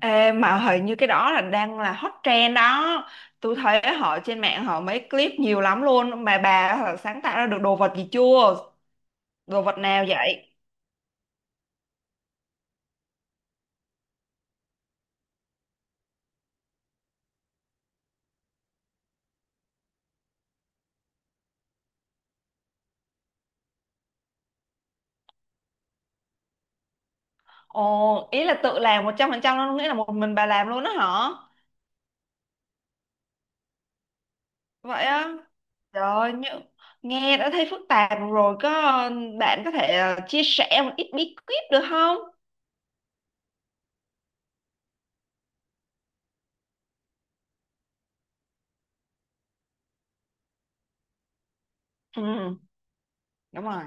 Ê, mà hình như cái đó là đang là hot trend đó. Tôi thấy họ trên mạng họ mấy clip nhiều lắm luôn. Mà bà họ sáng tạo ra được đồ vật gì chưa? Đồ vật nào vậy? Ồ, ý là tự làm 100% luôn, nghĩa là một mình bà làm luôn đó hả? Vậy á? Trời ơi, như, nghe đã thấy phức tạp rồi. Có bạn có thể chia sẻ một ít bí kíp được không? Ừ. Đúng rồi.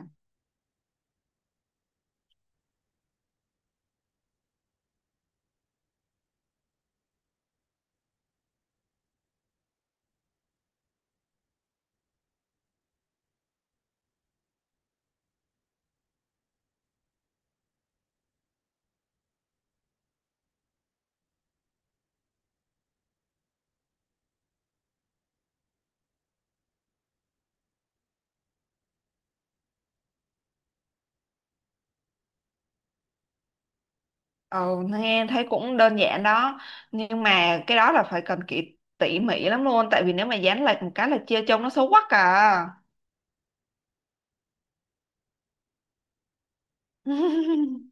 Ừ, nghe thấy cũng đơn giản đó, nhưng mà cái đó là phải cần kỹ tỉ mỉ lắm luôn, tại vì nếu mà dán lệch một cái là chia trông nó xấu quắc à.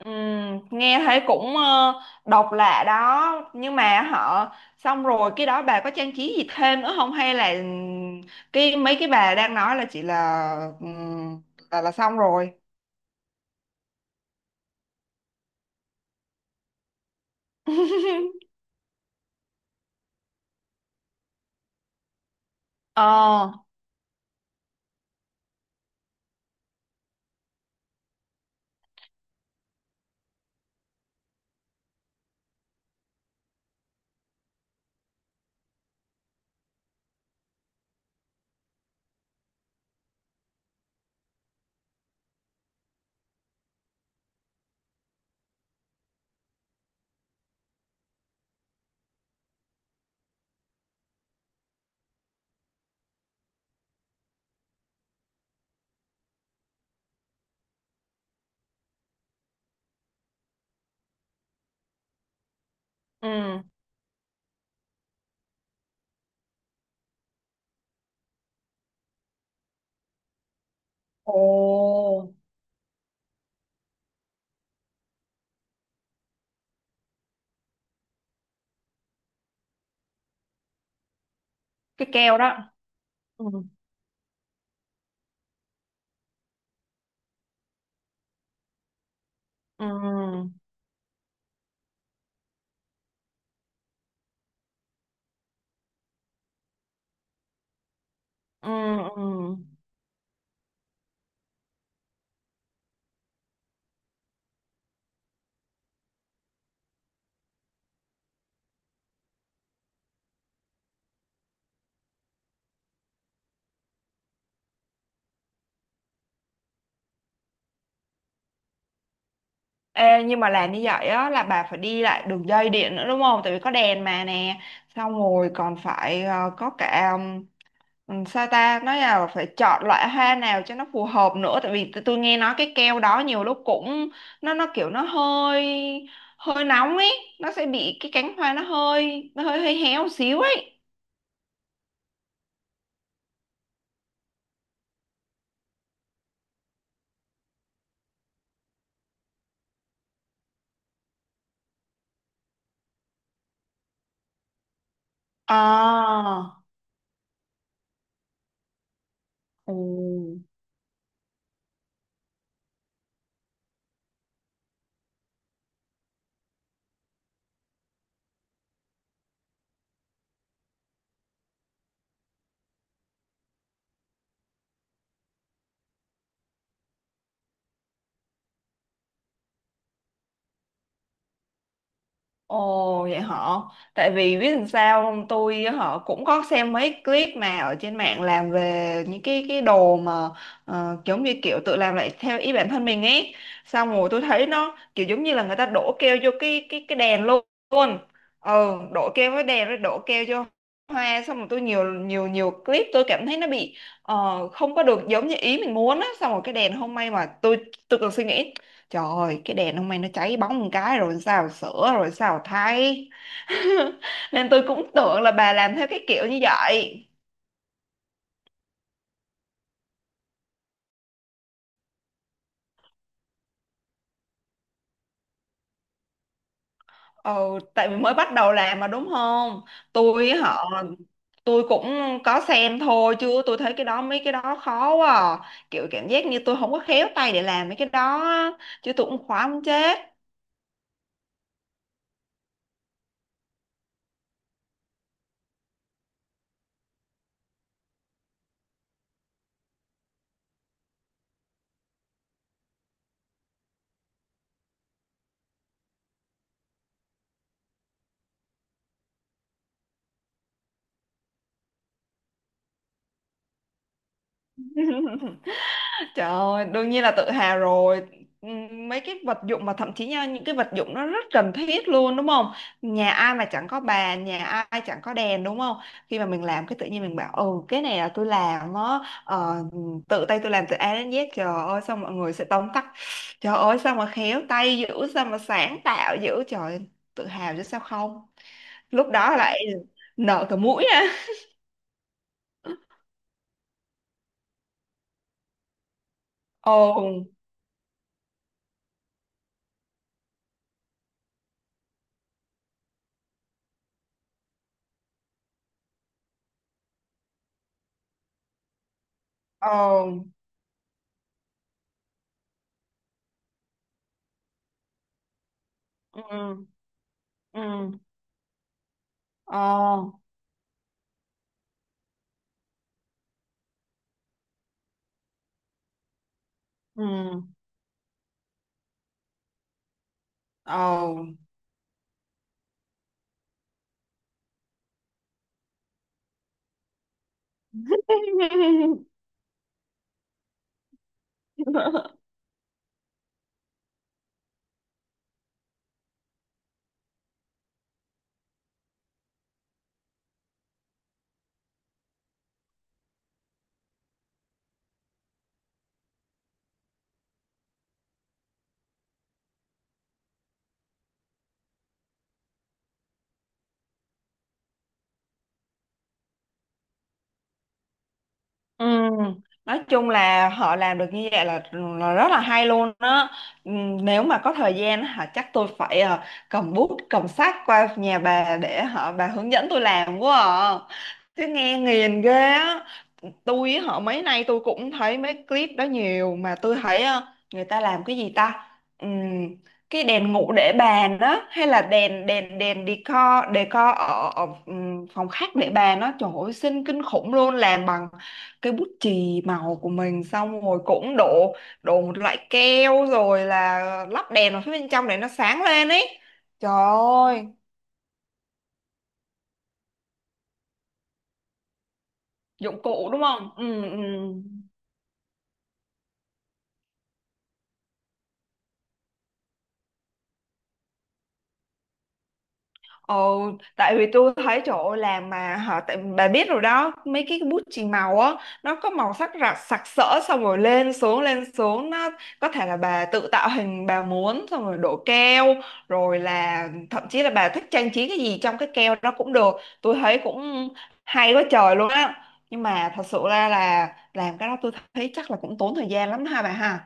Nghe thấy cũng độc lạ đó, nhưng mà họ xong rồi cái đó bà có trang trí gì thêm nữa không, hay là cái mấy cái bà đang nói là chỉ là, ừm, là xong rồi. Ờ. Ừ. Ồ, cái keo đó. Ừ. Ừ. ừ ừ. Ê, nhưng mà làm như vậy á là bà phải đi lại đường dây điện nữa đúng không? Tại vì có đèn mà nè, xong rồi còn phải có cả, sao ta, nói là phải chọn loại hoa nào cho nó phù hợp nữa. Tại vì tôi nghe nói cái keo đó nhiều lúc cũng nó kiểu nó hơi, hơi nóng ấy. Nó sẽ bị cái cánh hoa nó hơi hơi héo xíu ấy. À. Ừ. Ồ vậy họ. Tại vì biết làm sao không, tôi họ cũng có xem mấy clip mà ở trên mạng, làm về những cái đồ mà giống như kiểu tự làm lại theo ý bản thân mình ấy. Xong rồi tôi thấy nó kiểu giống như là người ta đổ keo vô cái cái đèn luôn luôn. Ừ, đổ keo với đèn rồi đổ keo vô hoa. Xong rồi tôi nhiều nhiều nhiều clip tôi cảm thấy nó bị, không có được giống như ý mình muốn á. Xong rồi cái đèn hôm, may mà tôi, còn suy nghĩ trời ơi cái đèn hôm nay nó cháy bóng một cái rồi sao sửa rồi sao thay. Nên tôi cũng tưởng là bà làm theo cái kiểu như vậy. Ừ, tại vì mới bắt đầu làm mà đúng không? Tôi họ, tôi cũng có xem thôi chứ tôi thấy cái đó mấy cái đó khó quá à. Kiểu cảm giác như tôi không có khéo tay để làm mấy cái đó á. Chứ tôi cũng khóa muốn chết. Trời ơi, đương nhiên là tự hào rồi. Mấy cái vật dụng mà thậm chí nha, những cái vật dụng nó rất cần thiết luôn đúng không? Nhà ai mà chẳng có bàn, nhà ai chẳng có đèn đúng không? Khi mà mình làm cái tự nhiên mình bảo ừ cái này là tôi làm á, ờ, tự tay tôi làm từ A đến Z. Trời ơi sao mọi người sẽ tóm tắt. Trời ơi sao mà khéo tay dữ, sao mà sáng tạo dữ. Trời ơi, tự hào chứ sao không? Lúc đó lại nở cả mũi á. Ồ. Ồ. Ừ. Ừ. Ờ. Ừ. Ồ. Oh. Ừ. Nói chung là họ làm được như vậy là rất là hay luôn đó. Ừ, nếu mà có thời gian hả chắc tôi phải, cầm bút cầm sách qua nhà bà để họ bà hướng dẫn tôi làm quá à. Chứ nghe nghiền ghê á. Tôi á, họ mấy nay tôi cũng thấy mấy clip đó nhiều mà tôi thấy người ta làm cái gì ta. Ừm, cái đèn ngủ để bàn đó hay là đèn đèn đèn decor, decor ở, ở phòng khách để bàn đó trời ơi xinh kinh khủng luôn, làm bằng cái bút chì màu của mình xong rồi cũng đổ, đổ một loại keo rồi là lắp đèn vào phía bên trong để nó sáng lên ấy. Trời ơi dụng cụ đúng không. Ừ, ừ. Ồ, tại vì tôi thấy trời ơi làm mà hả tại bà biết rồi đó mấy cái bút chì màu á nó có màu sắc rạc sặc sỡ, xong rồi lên xuống nó có thể là bà tự tạo hình bà muốn, xong rồi đổ keo rồi là thậm chí là bà thích trang trí cái gì trong cái keo đó cũng được. Tôi thấy cũng hay quá trời luôn á, nhưng mà thật sự ra là làm cái đó tôi thấy chắc là cũng tốn thời gian lắm ha bà ha.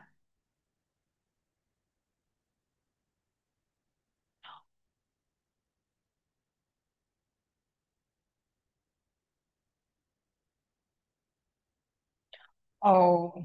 Ồ.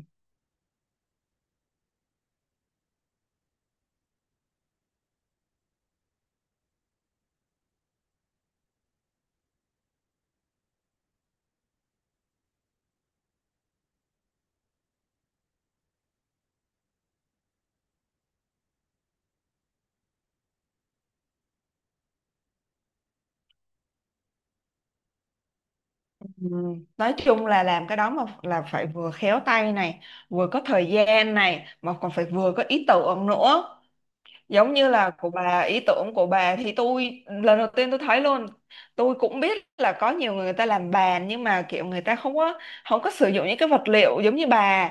Ừ. Nói chung là làm cái đó mà là phải vừa khéo tay này, vừa có thời gian này, mà còn phải vừa có ý tưởng nữa. Giống như là của bà, ý tưởng của bà thì tôi lần đầu tiên tôi thấy luôn. Tôi cũng biết là có nhiều người người ta làm bàn, nhưng mà kiểu người ta không có, sử dụng những cái vật liệu giống như bà.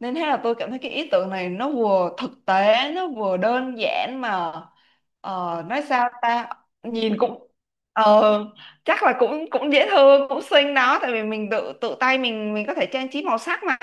Nên thế là tôi cảm thấy cái ý tưởng này nó vừa thực tế nó vừa đơn giản mà, nói sao ta. Nhìn cũng, ờ, chắc là cũng, dễ thương cũng xinh đó, tại vì mình tự, tay mình có thể trang trí màu sắc mà.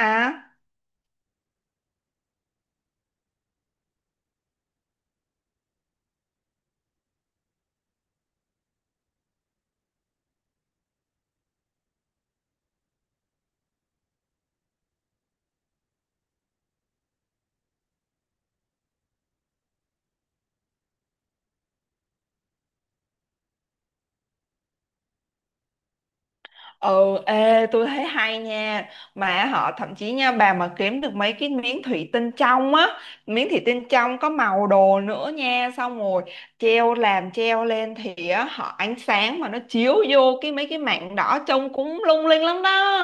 Ừ, ê, tôi thấy hay nha. Mà họ thậm chí nha, bà mà kiếm được mấy cái miếng thủy tinh trong á, miếng thủy tinh trong có màu đồ nữa nha. Xong rồi treo làm treo lên thì á, họ ánh sáng mà nó chiếu vô cái mấy cái mảng đỏ trông cũng lung linh lắm đó.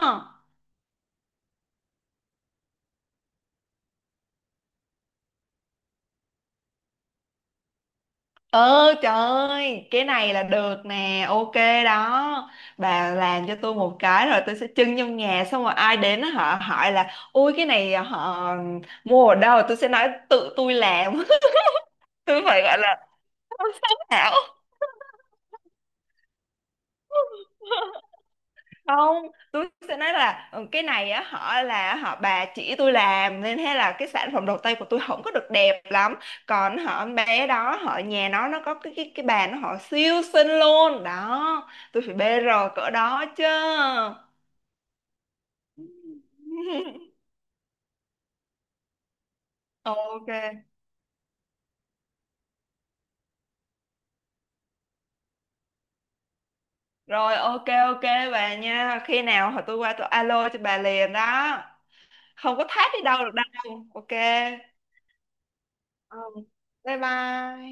Ờ trời ơi, cái này là được nè. Ok đó. Bà làm cho tôi một cái rồi tôi sẽ trưng trong nhà. Xong rồi ai đến á, họ hỏi là ui cái này họ mua ở đâu, tôi sẽ nói tự tôi làm. Tôi phải gọi là tham sống ảo. Không, tôi sẽ nói là "Ừ, cái này á họ là họ bà chỉ tôi làm nên thế là cái sản phẩm đầu tay của tôi không có được đẹp lắm, còn họ bé đó họ nhà nó có cái cái bàn nó họ siêu xinh luôn đó, tôi phải bê rồi cỡ đó chứ. Ok rồi, ok ok bà nha, khi nào họ tôi qua tôi alo cho bà liền đó. Không có thách đi đâu được đâu. Ok. Ờ, bye bye.